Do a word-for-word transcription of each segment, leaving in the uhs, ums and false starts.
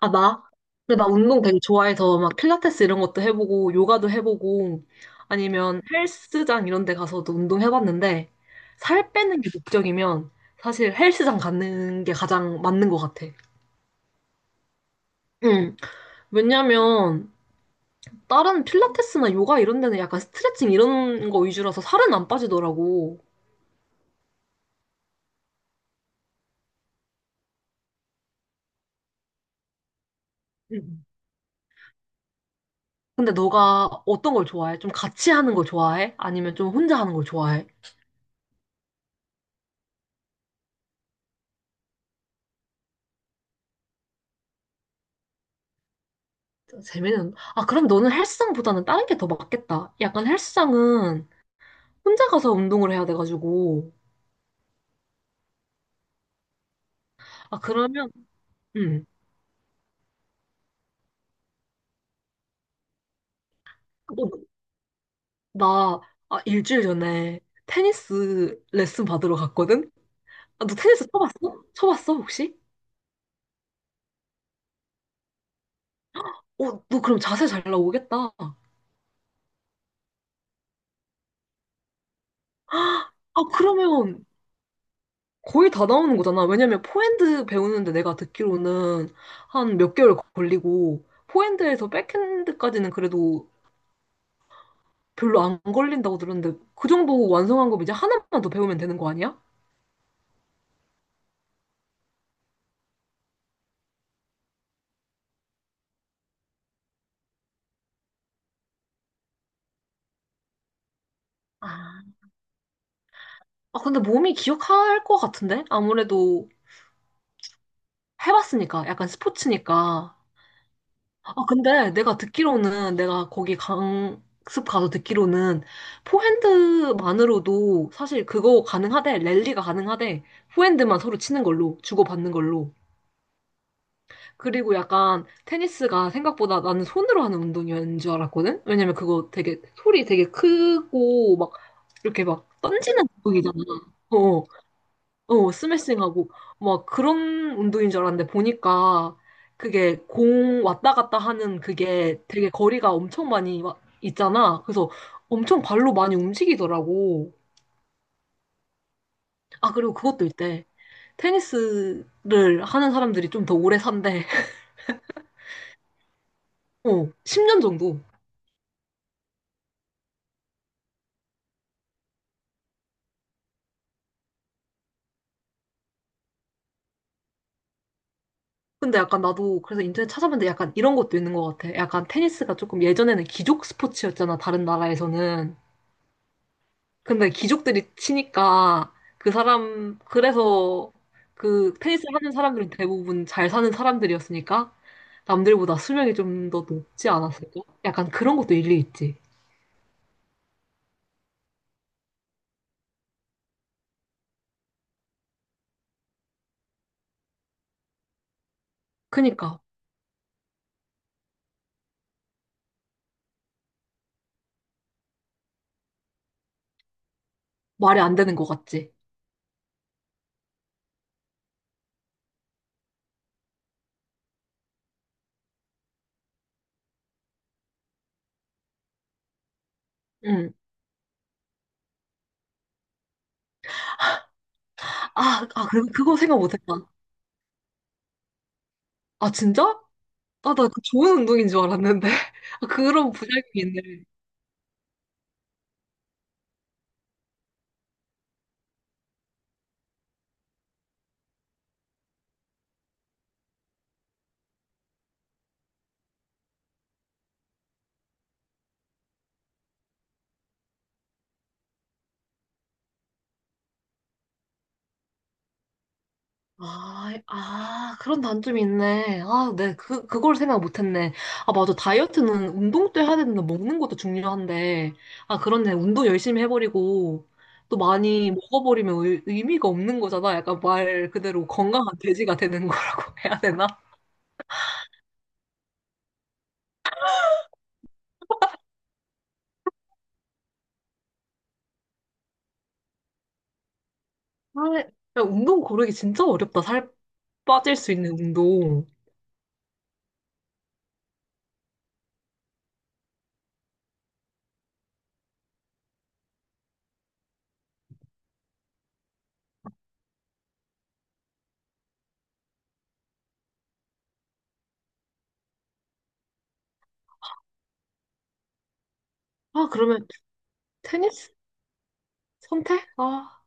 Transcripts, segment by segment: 아, 나? 근데 나 운동 되게 좋아해서 막 필라테스 이런 것도 해보고 요가도 해보고 아니면 헬스장 이런 데 가서도 운동 해봤는데 살 빼는 게 목적이면 사실 헬스장 가는 게 가장 맞는 것 같아. 응. 왜냐면 다른 필라테스나 요가 이런 데는 약간 스트레칭 이런 거 위주라서 살은 안 빠지더라고. 응. 근데 너가 어떤 걸 좋아해? 좀 같이 하는 걸 좋아해? 아니면 좀 혼자 하는 걸 좋아해? 재미는 아 그럼 너는 헬스장보다는 다른 게 더 맞겠다. 약간 헬스장은 혼자 가서 운동을 해야 돼가지고 아 그러면 음나 아, 일주일 전에 테니스 레슨 받으러 갔거든. 아, 너 테니스 쳐봤어? 쳐봤어 혹시? 어너 그럼 자세 잘 나오겠다. 아 그러면 거의 다 나오는 거잖아. 왜냐면 포핸드 배우는데 내가 듣기로는 한 몇 개월 걸리고 포핸드에서 백핸드까지는 그래도 별로 안 걸린다고 들었는데 그 정도 완성한 거면 이제 하나만 더 배우면 되는 거 아니야? 아, 아, 근데 몸이 기억할 것 같은데? 아무래도 해봤으니까, 약간 스포츠니까. 아, 근데 내가 듣기로는, 내가 거기 강습 가서 듣기로는, 포핸드만으로도 사실 그거 가능하대, 랠리가 가능하대, 포핸드만 서로 치는 걸로, 주고받는 걸로. 그리고 약간 테니스가 생각보다 나는 손으로 하는 운동이었는 줄 알았거든? 왜냐면 그거 되게 소리 되게 크고 막 이렇게 막 던지는 운동이잖아. 어, 어, 스매싱하고 막 그런 운동인 줄 알았는데 보니까 그게 공 왔다 갔다 하는 그게 되게 거리가 엄청 많이 와- 있잖아. 그래서 엄청 발로 많이 움직이더라고. 아, 그리고 그것도 있대. 테니스를 하는 사람들이 좀 더 오래 산대. 어, 십 년 정도. 근데 약간 나도 그래서 인터넷 찾아봤는데 약간 이런 것도 있는 것 같아. 약간 테니스가 조금 예전에는 귀족 스포츠였잖아, 다른 나라에서는. 근데 귀족들이 치니까 그 사람, 그래서 그 테니스 하는 사람들은 대부분 잘 사는 사람들이었으니까 남들보다 수명이 좀 더 높지 않았을까? 약간 그런 것도 일리 있지. 그니까 말이 안 되는 것 같지. 응. 아, 아, 그리고 그거 생각 못 했다. 아, 진짜? 아, 나 그 좋은 운동인 줄 알았는데. 아, 그런 부작용이 있네. 아, 아, 그런 단점이 있네. 아, 네, 그, 그걸 생각 못했네. 아, 맞아. 다이어트는 운동 도 해야 되는데 먹는 것도 중요한데. 아, 그렇네. 운동 열심히 해버리고 또 많이 먹어버리면 의, 의미가 없는 거잖아. 약간 말 그대로 건강한 돼지가 되는 거라고 해야 되나? 아, 야, 운동 고르기 진짜 어렵다. 살 빠질 수 있는 운동. 아, 그러면 테니스 선택? 아.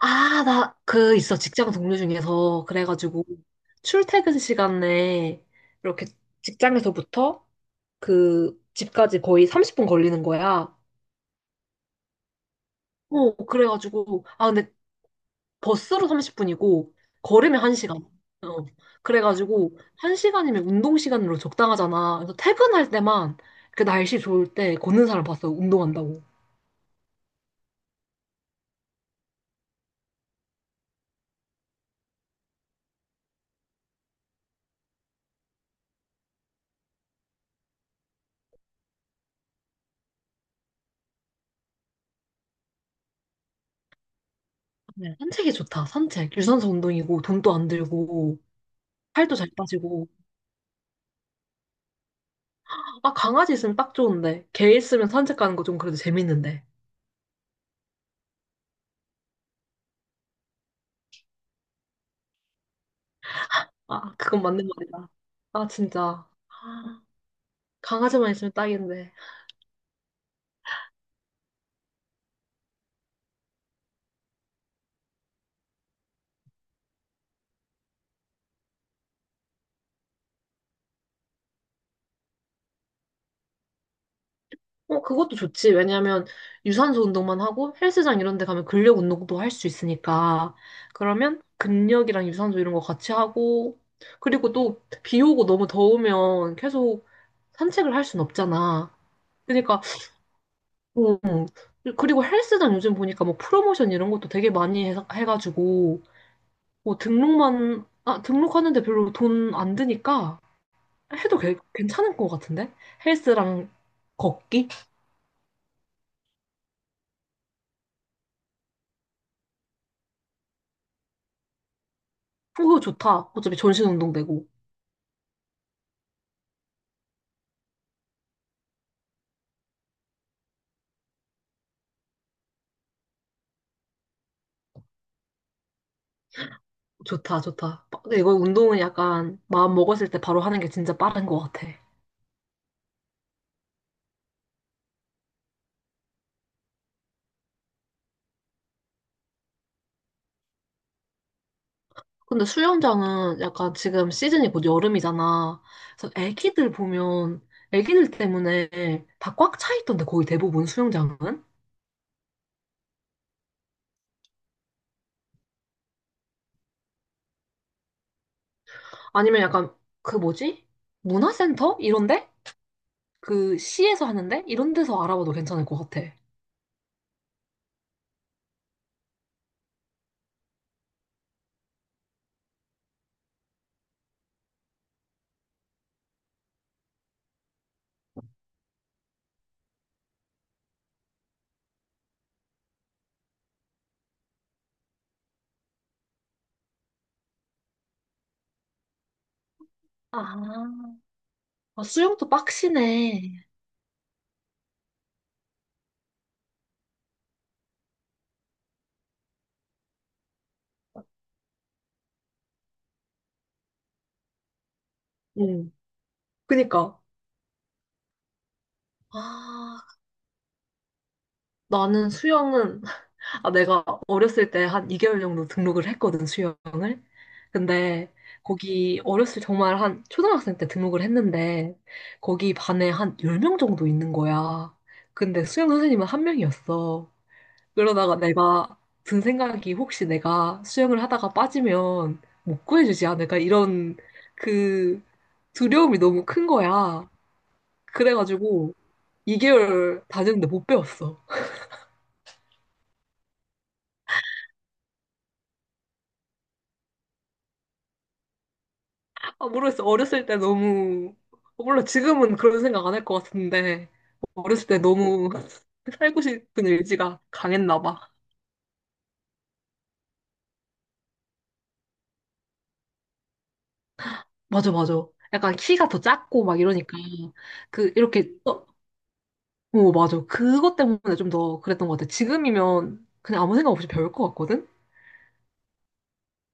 아, 나 그 있어. 직장 동료 중에서 그래가지고 출퇴근 시간에 이렇게 직장에서부터 그 집까지 거의 삼십 분 걸리는 거야. 어, 그래가지고 아 근데 버스로 삼십 분이고 걸으면 한 시간. 어. 그래가지고 한 시간이면 운동 시간으로 적당하잖아. 그래서 퇴근할 때만 그 날씨 좋을 때 걷는 사람 봤어. 운동한다고. 네, 산책이 좋다. 산책. 유산소 운동이고 돈도 안 들고 살도 잘 빠지고 아, 강아지 있으면 딱 좋은데. 개 있으면 산책 가는 거 좀 그래도 재밌는데. 아, 그건 맞는 말이다. 아, 진짜. 아, 강아지만 있으면 딱인데. 어, 그것도 좋지. 왜냐면 유산소 운동만 하고 헬스장 이런 데 가면 근력 운동도 할 수 있으니까. 그러면 근력이랑 유산소 이런 거 같이 하고. 그리고 또 비 오고 너무 더우면 계속 산책을 할 순 없잖아. 그러니까, 음, 그리고 헬스장 요즘 보니까 뭐 프로모션 이런 것도 되게 많이 해, 해가지고. 뭐 등록만, 아, 등록하는데 별로 돈 안 드니까 해도 괜- 괜찮을 것 같은데? 헬스랑 걷기? 그거 좋다. 어차피 전신 운동 되고. 좋다, 좋다. 이거 운동은 약간 마음 먹었을 때 바로 하는 게 진짜 빠른 것 같아. 근데 수영장은 약간 지금 시즌이 곧 여름이잖아. 그래서 애기들 보면 애기들 때문에 다 꽉 차 있던데 거의 대부분 수영장은? 아니면 약간 그 뭐지? 문화센터? 이런데? 그 시에서 하는데 이런 데서 알아봐도 괜찮을 것 같아. 아, 아, 수영도 빡시네. 응. 그니까. 아, 나는 수영은, 아, 내가 어렸을 때 한 이 개월 정도 등록을 했거든, 수영을. 근데 거기 어렸을 정말 한 초등학생 때 등록을 했는데 거기 반에 한 열 명 정도 있는 거야. 근데 수영 선생님은 한 명이었어. 그러다가 내가 든 생각이 혹시 내가 수영을 하다가 빠지면 못 구해주지 않을까? 이런 그 두려움이 너무 큰 거야. 그래가지고 이 개월 다녔는데 못 배웠어. 아, 모르겠어. 어렸을 때 너무, 물론 지금은 그런 생각 안 할 것 같은데, 어렸을 때 너무 살고 싶은 의지가 강했나 봐. 맞아, 맞아. 약간 키가 더 작고 막 이러니까, 그, 이렇게 어, 오, 맞아. 그것 때문에 좀 더 그랬던 것 같아. 지금이면 그냥 아무 생각 없이 배울 것 같거든?